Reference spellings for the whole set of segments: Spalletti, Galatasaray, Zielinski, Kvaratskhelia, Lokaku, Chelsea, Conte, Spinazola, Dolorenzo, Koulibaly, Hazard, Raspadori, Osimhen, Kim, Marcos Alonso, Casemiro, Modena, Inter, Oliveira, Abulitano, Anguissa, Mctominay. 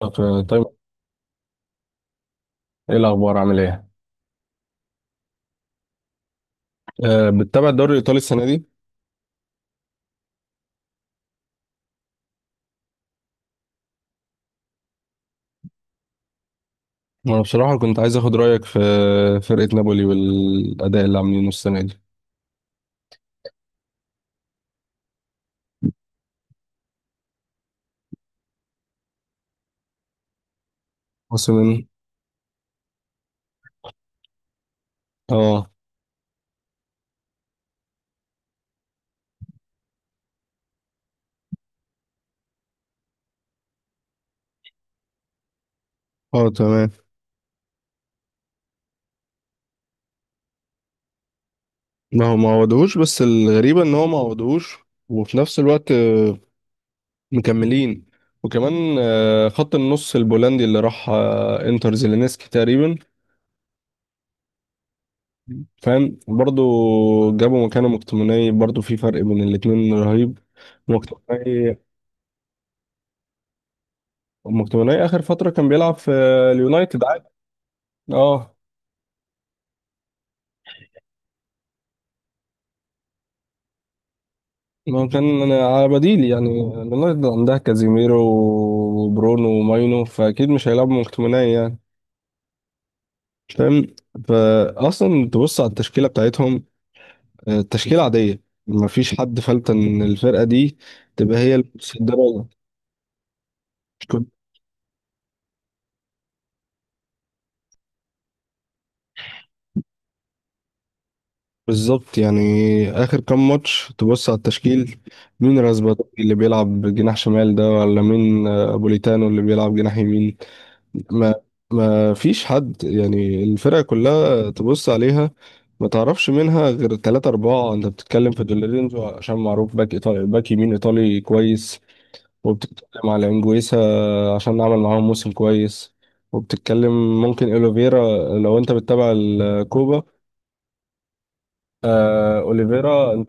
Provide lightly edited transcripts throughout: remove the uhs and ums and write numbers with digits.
طيب. ايه الاخبار؟ عامل ايه؟ بتتابع الدوري الايطالي السنه دي؟ وانا بصراحه كنت عايز اخد رايك في فرقه نابولي والاداء اللي عاملينه السنه دي. موسم. اه. اه تمام. ما هو ما عوضوهوش، بس الغريبه ان هو ما عوضوهوش وفي نفس الوقت مكملين. وكمان خط النص البولندي اللي راح انتر زيلينسكي تقريبا. فاهم برضو. جابوا مكانه مكتوميني، برضو في فرق بين الاتنين رهيب. مكتوميني مكتوماني اخر فتره كان بيلعب في اليونايتد عادي. اه. ما هو كان أنا على بديل يعني. اليونايتد عندها كازيميرو وبرونو وماينو، فاكيد مش هيلعبوا مكتوماني يعني. فاهم. فاصلا تبص على التشكيله بتاعتهم، تشكيله عاديه، ما فيش حد فلت ان الفرقه دي تبقى هي المتصدره. كنت- بالظبط يعني. اخر كام ماتش تبص على التشكيل، مين راسباتوري اللي بيلعب جناح شمال ده، ولا مين ابوليتانو اللي بيلعب جناح يمين. ما ما فيش حد يعني، الفرقة كلها تبص عليها ما تعرفش منها غير ثلاثة أربعة. أنت بتتكلم في دولورينزو عشان معروف باك إيطالي، باك يمين إيطالي كويس، وبتتكلم على إنجويسا عشان عمل معاهم موسم كويس، وبتتكلم ممكن أوليفيرا لو أنت بتتابع الكوبا. آه أوليفيرا أنت.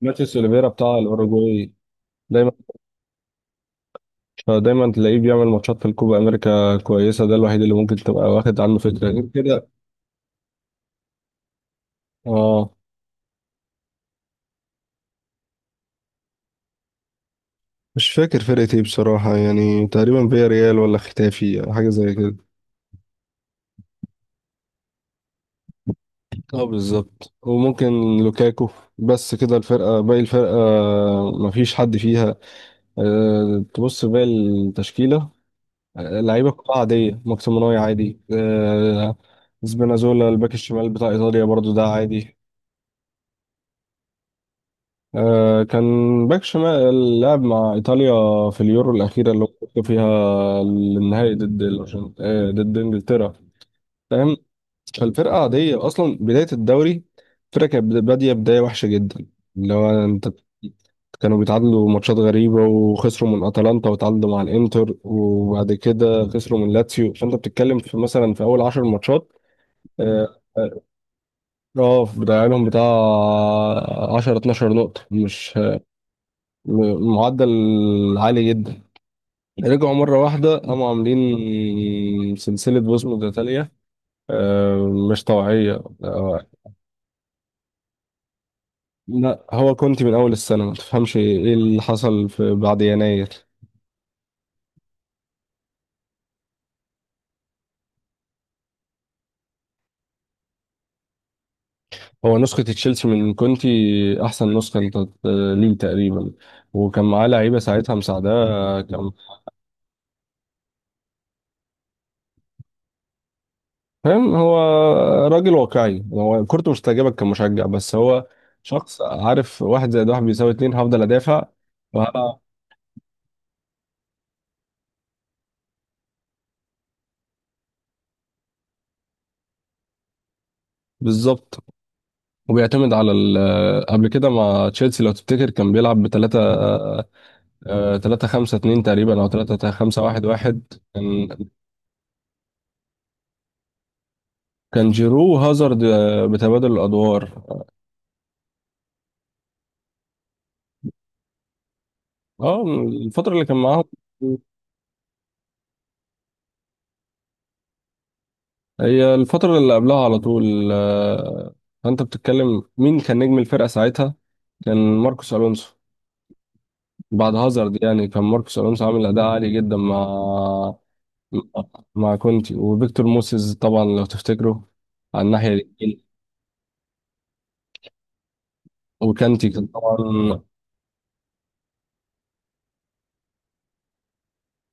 ماتيس أوليفيرا بتاع الأوروجواي. دايما دايما تلاقيه بيعمل ماتشات في الكوبا أمريكا كويسة، ده الوحيد اللي ممكن تبقى واخد عنه فكرة غير كده. اه. مش فاكر فرقة ايه بصراحة، يعني تقريبا فيا ريال ولا ختافي حاجة زي كده. اه بالظبط، وممكن لوكاكو، بس كده الفرقة. باقي الفرقة مفيش حد فيها. تبص باقي التشكيلة، لعيبة كلها عادية. ماكسيموناي عادي. أه. سبينازولا الباك الشمال بتاع إيطاليا برضو ده عادي. أه كان باك شمال لعب مع إيطاليا في اليورو الأخيرة اللي هو كسبوا فيها النهائي ضد ضد إنجلترا. فالفرقة عادية. أصلا بداية الدوري الفرقة كانت بادية بداية وحشة جدا، اللي هو أنت. كانوا بيتعادلوا ماتشات غريبة، وخسروا من أتلانتا، وتعادلوا مع الإنتر، وبعد كده خسروا من لاتسيو. فأنت بتتكلم في مثلا في أول عشر ماتشات. آه. بضيع لهم بتاع 10 12 نقطة. مش معدل عالي جدا. رجعوا مرة واحدة قاموا عاملين سلسلة بوس متتالية مش طبيعية لا هو كونتي من اول السنه، ما تفهمش ايه اللي حصل في بعد يناير. هو نسخه تشيلسي من كونتي، احسن نسخه انت ليه تقريبا. وكان معاه لعيبه ساعتها مساعداه كان. فاهم. هو راجل واقعي، هو كورته مش تعجبك كمشجع، بس هو شخص عارف واحد زائد واحد بيساوي اتنين، هفضل ادافع وهبقى. بالظبط. وبيعتمد على قبل كده مع تشيلسي لو تفتكر كان بيلعب بثلاثة، 3 5 2 تقريبا او 3 5 1 1. كان جيرو وهازارد بتبادل الادوار. اه الفتره اللي كان معاهم، هي الفتره اللي قبلها على طول فانت بتتكلم مين كان نجم الفرقه ساعتها، كان ماركوس الونسو. بعد هازارد يعني، كان ماركوس الونسو عامل اداء عالي جدا مع. مع كونتي وفيكتور موسيز طبعا لو تفتكروا، على الناحيه اليمين. وكانتي كان طبعا.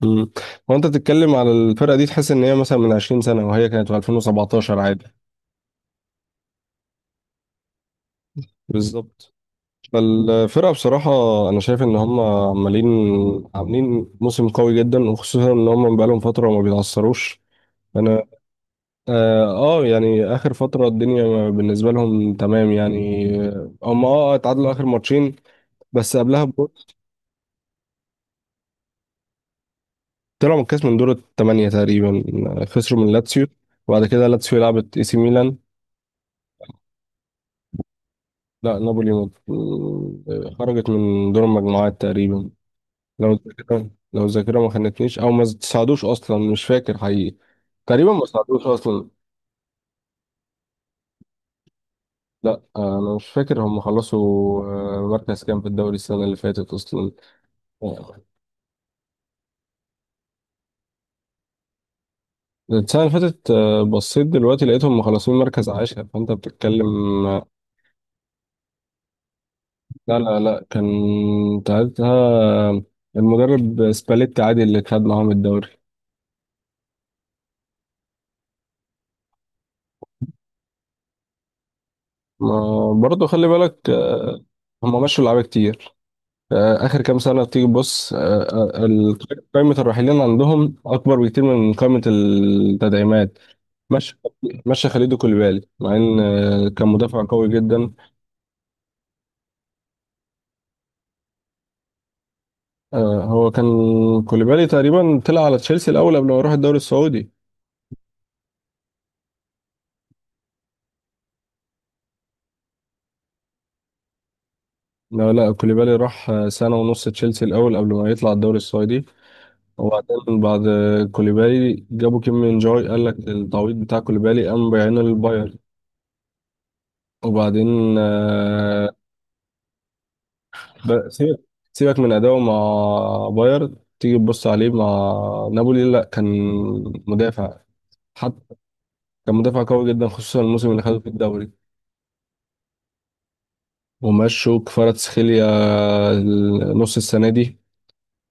مم. وانت بتتكلم على الفرقه دي، تحس ان هي مثلا من 20 سنه، وهي كانت في 2017 عادي. بالظبط. فالفرقة بصراحة، أنا شايف إن هم عاملين موسم قوي جدا، وخصوصا إن هم بقالهم فترة ما بيتعثروش. أنا. آه, يعني آخر فترة الدنيا بالنسبة لهم تمام يعني. هم اتعادلوا آخر ماتشين بس قبلها بجول. طلعوا من الكاس من دور الثمانية تقريبا، خسروا من لاتسيو. وبعد كده لاتسيو لعبت إي سي ميلان. لا نابولي خرجت من دور المجموعات تقريبا. لو الذاكرة ما خانتنيش أو ما ساعدوش أصلا، مش فاكر حقيقي. تقريبا ما ساعدوش أصلا. لا أنا مش فاكر هم خلصوا مركز كام في الدوري السنة اللي فاتت أصلا. آه، السنة اللي فاتت بصيت دلوقتي لقيتهم مخلصين مركز عاشر. فأنت بتتكلم. لا كان ساعتها المدرب سباليت عادي اللي خد معاهم الدوري. ما برضه خلي بالك هم مشوا لعيبة كتير آخر كام سنة تيجي تبص آه، ال- قائمة الراحلين عندهم أكبر بكتير من قائمة التدعيمات. مشى مشى خليدو كوليبالي، مع إن كان مدافع قوي جدا. هو كان كوليبالي تقريبا طلع على تشيلسي الأول قبل ما يروح الدوري السعودي. لا لا كوليبالي راح سنة ونص تشيلسي الأول قبل ما يطلع الدوري السعودي. وبعدين بعد كوليبالي، جابوا كيم من جوي، قال لك التعويض بتاع كوليبالي قام بيعينه للبايرن. وبعدين ب- سيبك سيبك من اداؤه مع بايرن، تيجي تبص عليه مع نابولي لا كان مدافع. حتى كان مدافع قوي جدا خصوصا الموسم اللي خده في الدوري. ومشوا كفاراتسخيليا نص السنه دي،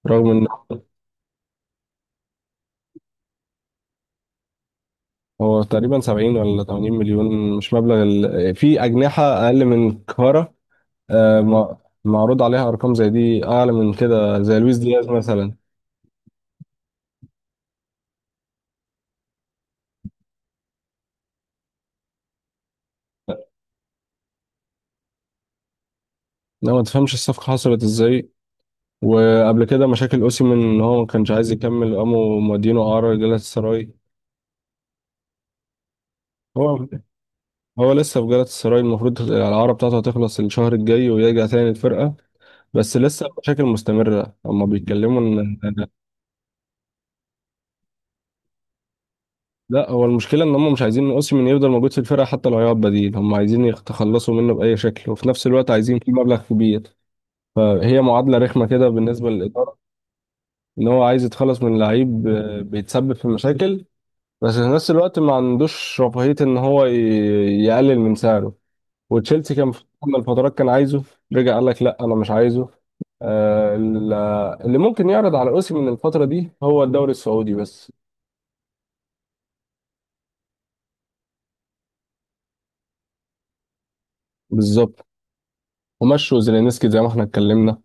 رغم ان. هو تقريبا 70 ولا 80 مليون، مش مبلغ في اجنحه اقل من كفارا آه، م- معروض عليها ارقام زي دي اعلى من كده، زي لويس دياز مثلا. لا ما تفهمش الصفقه حصلت ازاي. وقبل كده مشاكل اوسيمين ان هو ما كانش عايز يكمل، قاموا مودينه اعاره لجلالة السراي. هو هو لسه في جلالة السراي، المفروض الاعاره بتاعته هتخلص الشهر الجاي ويرجع تاني الفرقه، بس لسه المشاكل مستمره هما بيتكلموا ان. لا هو المشكله ان هم مش عايزين اوسيمين يفضل موجود في الفرقه، حتى لو هيقعد بديل، هم عايزين يتخلصوا منه باي شكل، وفي نفس الوقت عايزين فيه مبلغ كبير. فهي معادله رخمه كده بالنسبه للاداره، ان هو عايز يتخلص من لعيب بيتسبب في مشاكل، بس في نفس الوقت ما عندوش رفاهية ان هو يقلل من سعره. وتشيلسي كان في فترة من الفترات كان عايزه، رجع قال لك لا انا مش عايزه. آه، ال- اللي ممكن يعرض على اوسيمين من الفترة دي هو الدوري السعودي بس. بالظبط. ومشوا زيلينسكي زي ما احنا اتكلمنا.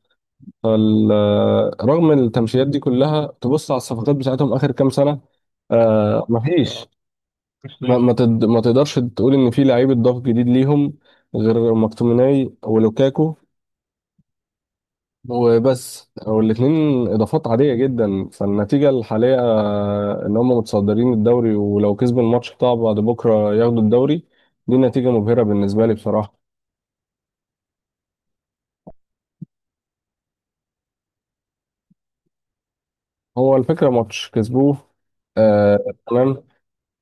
رغم التمشيات دي كلها تبص على الصفقات بتاعتهم اخر كام سنة. آه مفيش. ما تقدرش تقول ان في لعيب اتضاف جديد ليهم، غير مكتوميناي ولوكاكو. وبس. والاتنين اضافات عاديه جدا. فالنتيجه الحاليه ان هم متصدرين الدوري، ولو كسبوا الماتش بتاع بعد بكره ياخدوا الدوري. دي نتيجه مبهره بالنسبه لي بصراحه. هو الفكره ماتش كسبوه. آه تمام.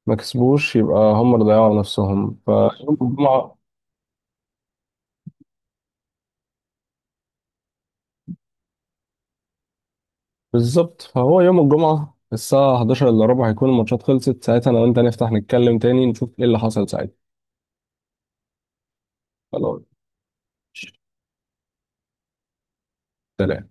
ما كسبوش، يبقى هم اللي ضيعوا نفسهم فيوم الجمعه. بالظبط. فهو يوم الجمعه الساعه 11 الا ربع هيكون الماتشات خلصت، ساعتها انا وانت نفتح نتكلم تاني نشوف ايه اللي حصل ساعتها. خلاص. سلام.